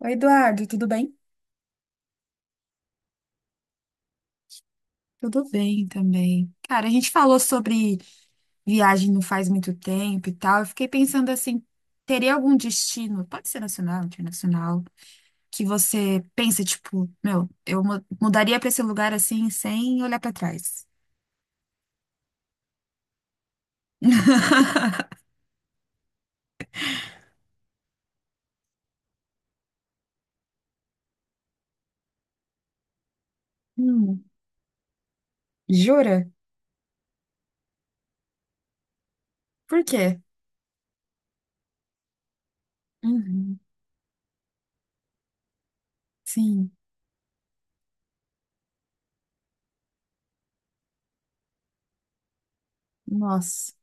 Oi, Eduardo, tudo bem? Tudo bem também. Cara, a gente falou sobre viagem não faz muito tempo e tal. Eu fiquei pensando assim, teria algum destino, pode ser nacional, internacional, que você pensa, tipo, meu, eu mudaria pra esse lugar assim, sem olhar pra trás. Hum, jura? Por quê? Uhum, sim, nossa.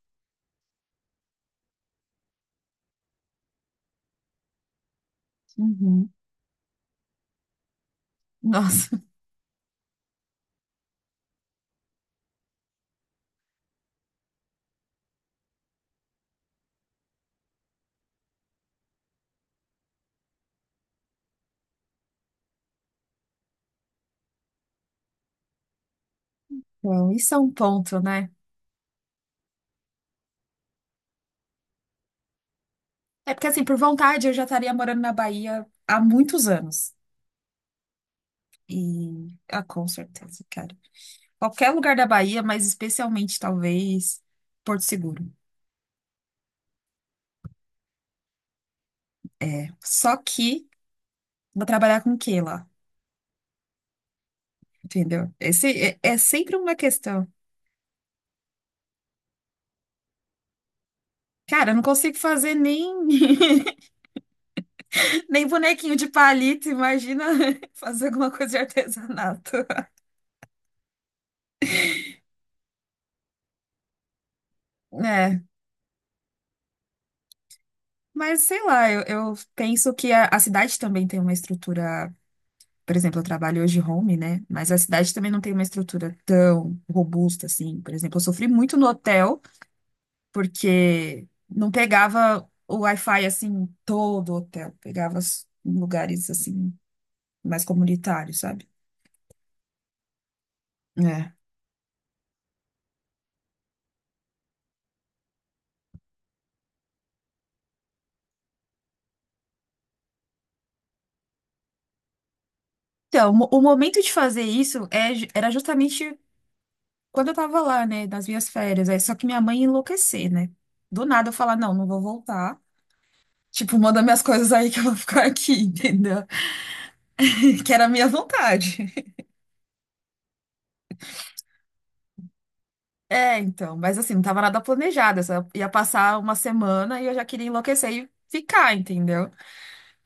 Uhum. Nossa. Então, isso é um ponto, né? É porque, assim, por vontade, eu já estaria morando na Bahia há muitos anos. E, ah, com certeza, cara. Qualquer lugar da Bahia, mas especialmente, talvez, Porto Seguro. É. Só que vou trabalhar com o quê lá? Entendeu? Esse é sempre uma questão. Cara, eu não consigo fazer nem, nem bonequinho de palito, imagina fazer alguma coisa de artesanato. É, mas sei lá, eu penso que a cidade também tem uma estrutura. Por exemplo, eu trabalho hoje home, né? Mas a cidade também não tem uma estrutura tão robusta assim. Por exemplo, eu sofri muito no hotel, porque não pegava o Wi-Fi assim, todo o hotel. Pegava em lugares assim, mais comunitários, sabe? É. Então, o momento de fazer isso era justamente quando eu tava lá, né? Nas minhas férias. Aí, só que minha mãe ia enlouquecer, né? Do nada eu falar, não, não vou voltar. Tipo, manda minhas coisas aí que eu vou ficar aqui, entendeu? Que era a minha vontade. É, então, mas assim, não tava nada planejado. Eu só ia passar uma semana e eu já queria enlouquecer e ficar, entendeu?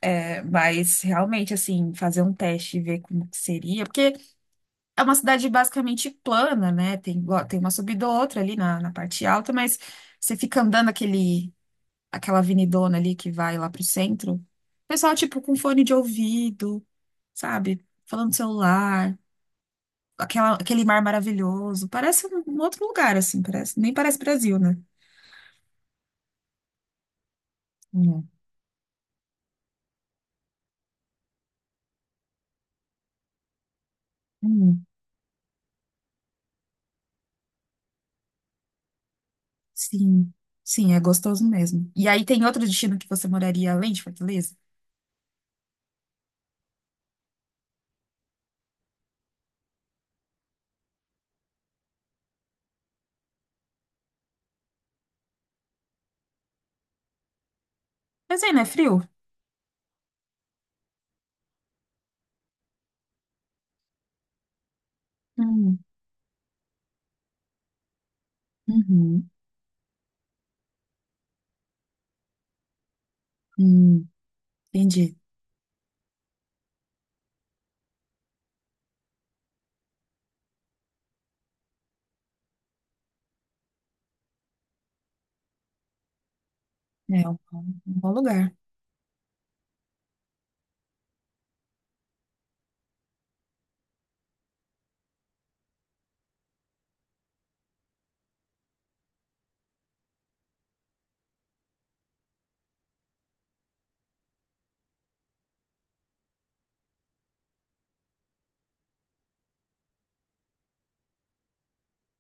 É, mas realmente, assim, fazer um teste e ver como que seria. Porque é uma cidade basicamente plana, né? Tem, tem uma subida ou outra ali na parte alta, mas você fica andando aquele, aquela avenidona ali que vai lá pro centro. O pessoal, tipo, com fone de ouvido, sabe? Falando no celular. Aquela, aquele mar maravilhoso. Parece um outro lugar, assim, parece, nem parece Brasil, né? Hum. Hum, sim, sim, é gostoso mesmo. E aí tem outro destino que você moraria além de Fortaleza? Mas aí não é frio? Hum, uhum, hum, entendi. É um bom lugar.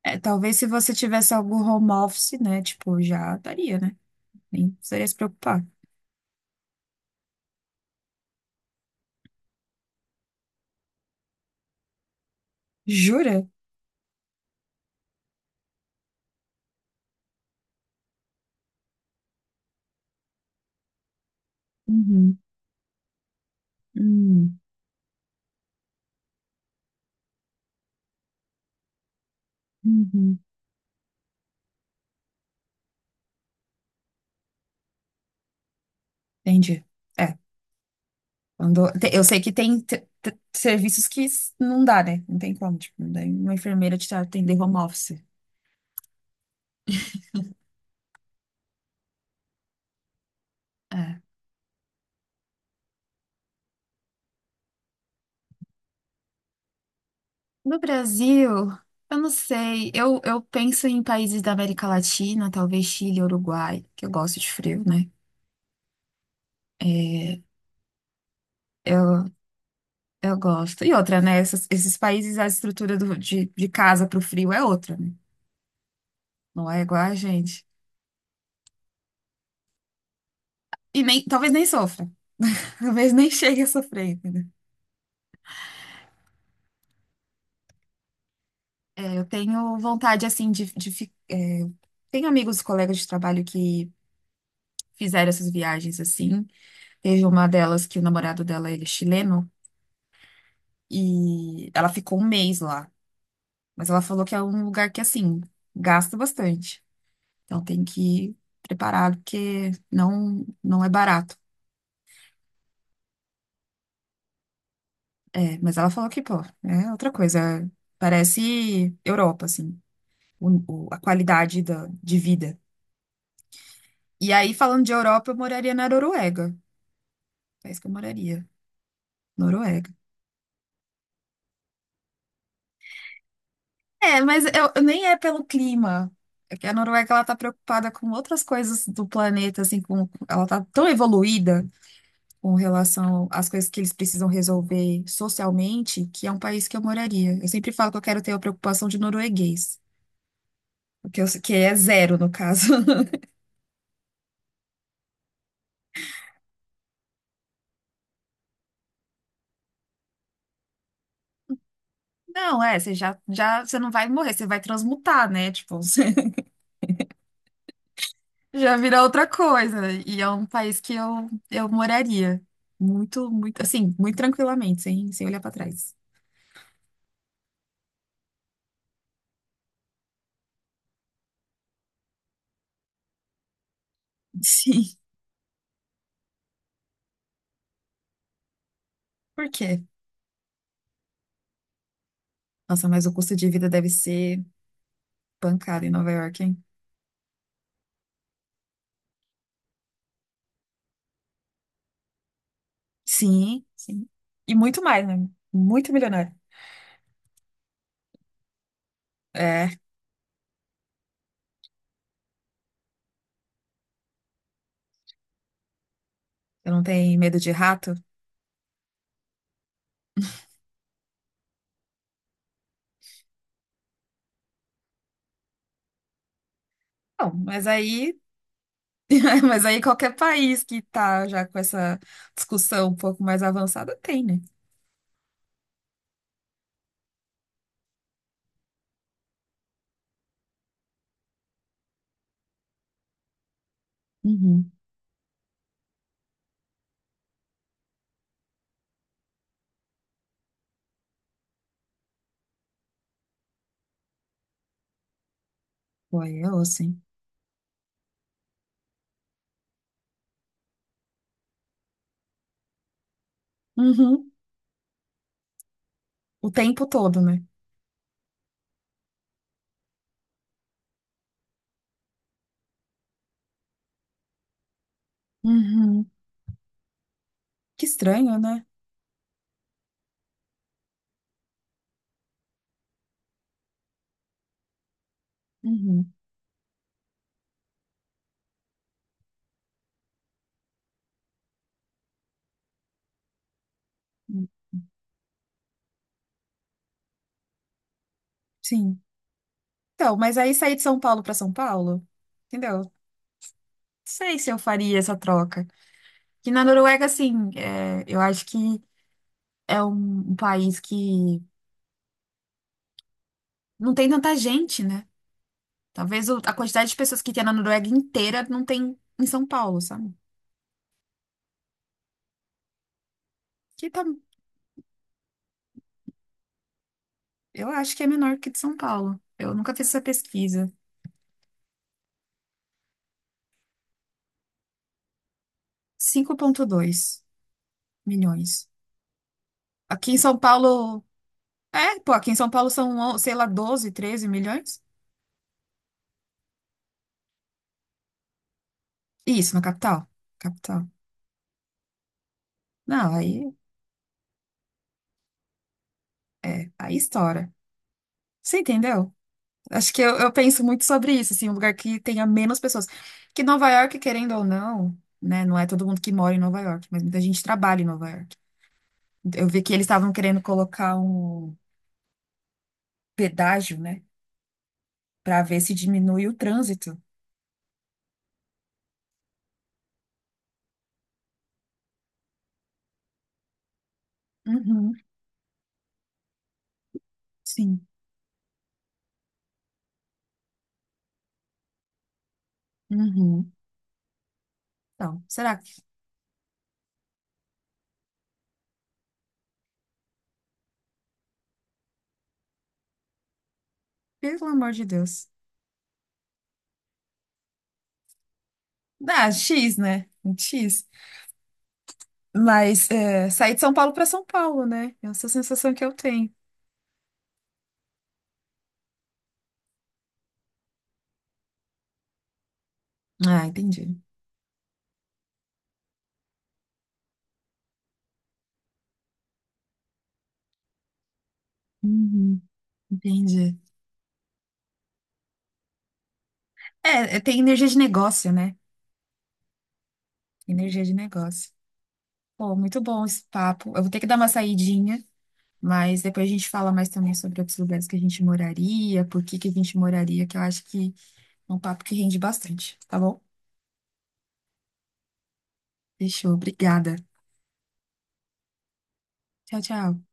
É, talvez se você tivesse algum home office, né? Tipo, já daria, né? Nem precisaria se preocupar. Jura? Uhum, hum, uhum, entendi. É, eu sei que tem serviços que não dá, né? Não tem como, tipo, não dá uma enfermeira te atender home office. É. No Brasil, eu não sei. Eu penso em países da América Latina, talvez Chile, Uruguai, que eu gosto de frio, né? É, eu, eu gosto. E outra, né? Esses países, a estrutura de casa para o frio é outra, né? Não é igual a gente. E nem, talvez nem sofra. Talvez nem chegue a sofrer, entendeu? Eu tenho vontade, assim, Tenho amigos, colegas de trabalho que fizeram essas viagens, assim. Teve uma delas que o namorado dela, ele é chileno. E ela ficou um mês lá. Mas ela falou que é um lugar que, assim, gasta bastante. Então tem que ir preparado, porque não, não é barato. É, mas ela falou que, pô, é outra coisa. Parece Europa, assim, o, a qualidade da, de vida. E aí, falando de Europa, eu moraria na Noruega. É isso que eu moraria. Noruega. É, mas eu nem é pelo clima. É que a Noruega, ela tá preocupada com outras coisas do planeta, assim, ela tá tão evoluída com relação às coisas que eles precisam resolver socialmente, que é um país que eu moraria. Eu sempre falo que eu quero ter a preocupação de norueguês, que é zero no caso. Não, você não vai morrer, você vai transmutar, né? Tipo, você já vira outra coisa. E é um país que eu moraria muito, muito, assim, muito tranquilamente, sem olhar pra trás. Sim. Por quê? Nossa, mas o custo de vida deve ser pancada em Nova York, hein? Sim, sim. E muito mais, né? Muito milionário. É, eu não tenho medo de rato? Não, mas aí, mas aí qualquer país que tá já com essa discussão um pouco mais avançada tem, né? Uhum. Pô, aí é osso, hein? Uhum. O tempo todo, né? Uhum. Que estranho, né? Uhum. Sim. Então, mas aí sair de São Paulo para São Paulo, entendeu? Não sei se eu faria essa troca. Que na Noruega, assim, eu acho que é um país que não tem tanta gente, né? Talvez a quantidade de pessoas que tem na Noruega inteira não tem em São Paulo, sabe? Que tá, eu acho que é menor que de São Paulo. Eu nunca fiz essa pesquisa. 5,2 milhões. Aqui em São Paulo. É, pô, aqui em São Paulo são, sei lá, 12, 13 milhões? Isso, na capital. Capital. Não, aí, estoura. Você entendeu? Acho que eu penso muito sobre isso, assim, um lugar que tenha menos pessoas. Que Nova York, querendo ou não, né? Não é todo mundo que mora em Nova York, mas muita gente trabalha em Nova York. Eu vi que eles estavam querendo colocar um pedágio, né? Para ver se diminui o trânsito. Uhum, sim. Uhum. Então, será que, pelo amor de Deus? Dá, X, né? Um X. Mas é, sair de São Paulo para São Paulo, né? Essa é a sensação que eu tenho. Ah, entendi. Uhum, entendi. É, tem energia de negócio, né? Energia de negócio. Pô, muito bom esse papo. Eu vou ter que dar uma saidinha. Mas depois a gente fala mais também sobre outros lugares que a gente moraria, por que que a gente moraria, que eu acho que é um papo que rende bastante, tá bom? Fechou, obrigada. Tchau, tchau.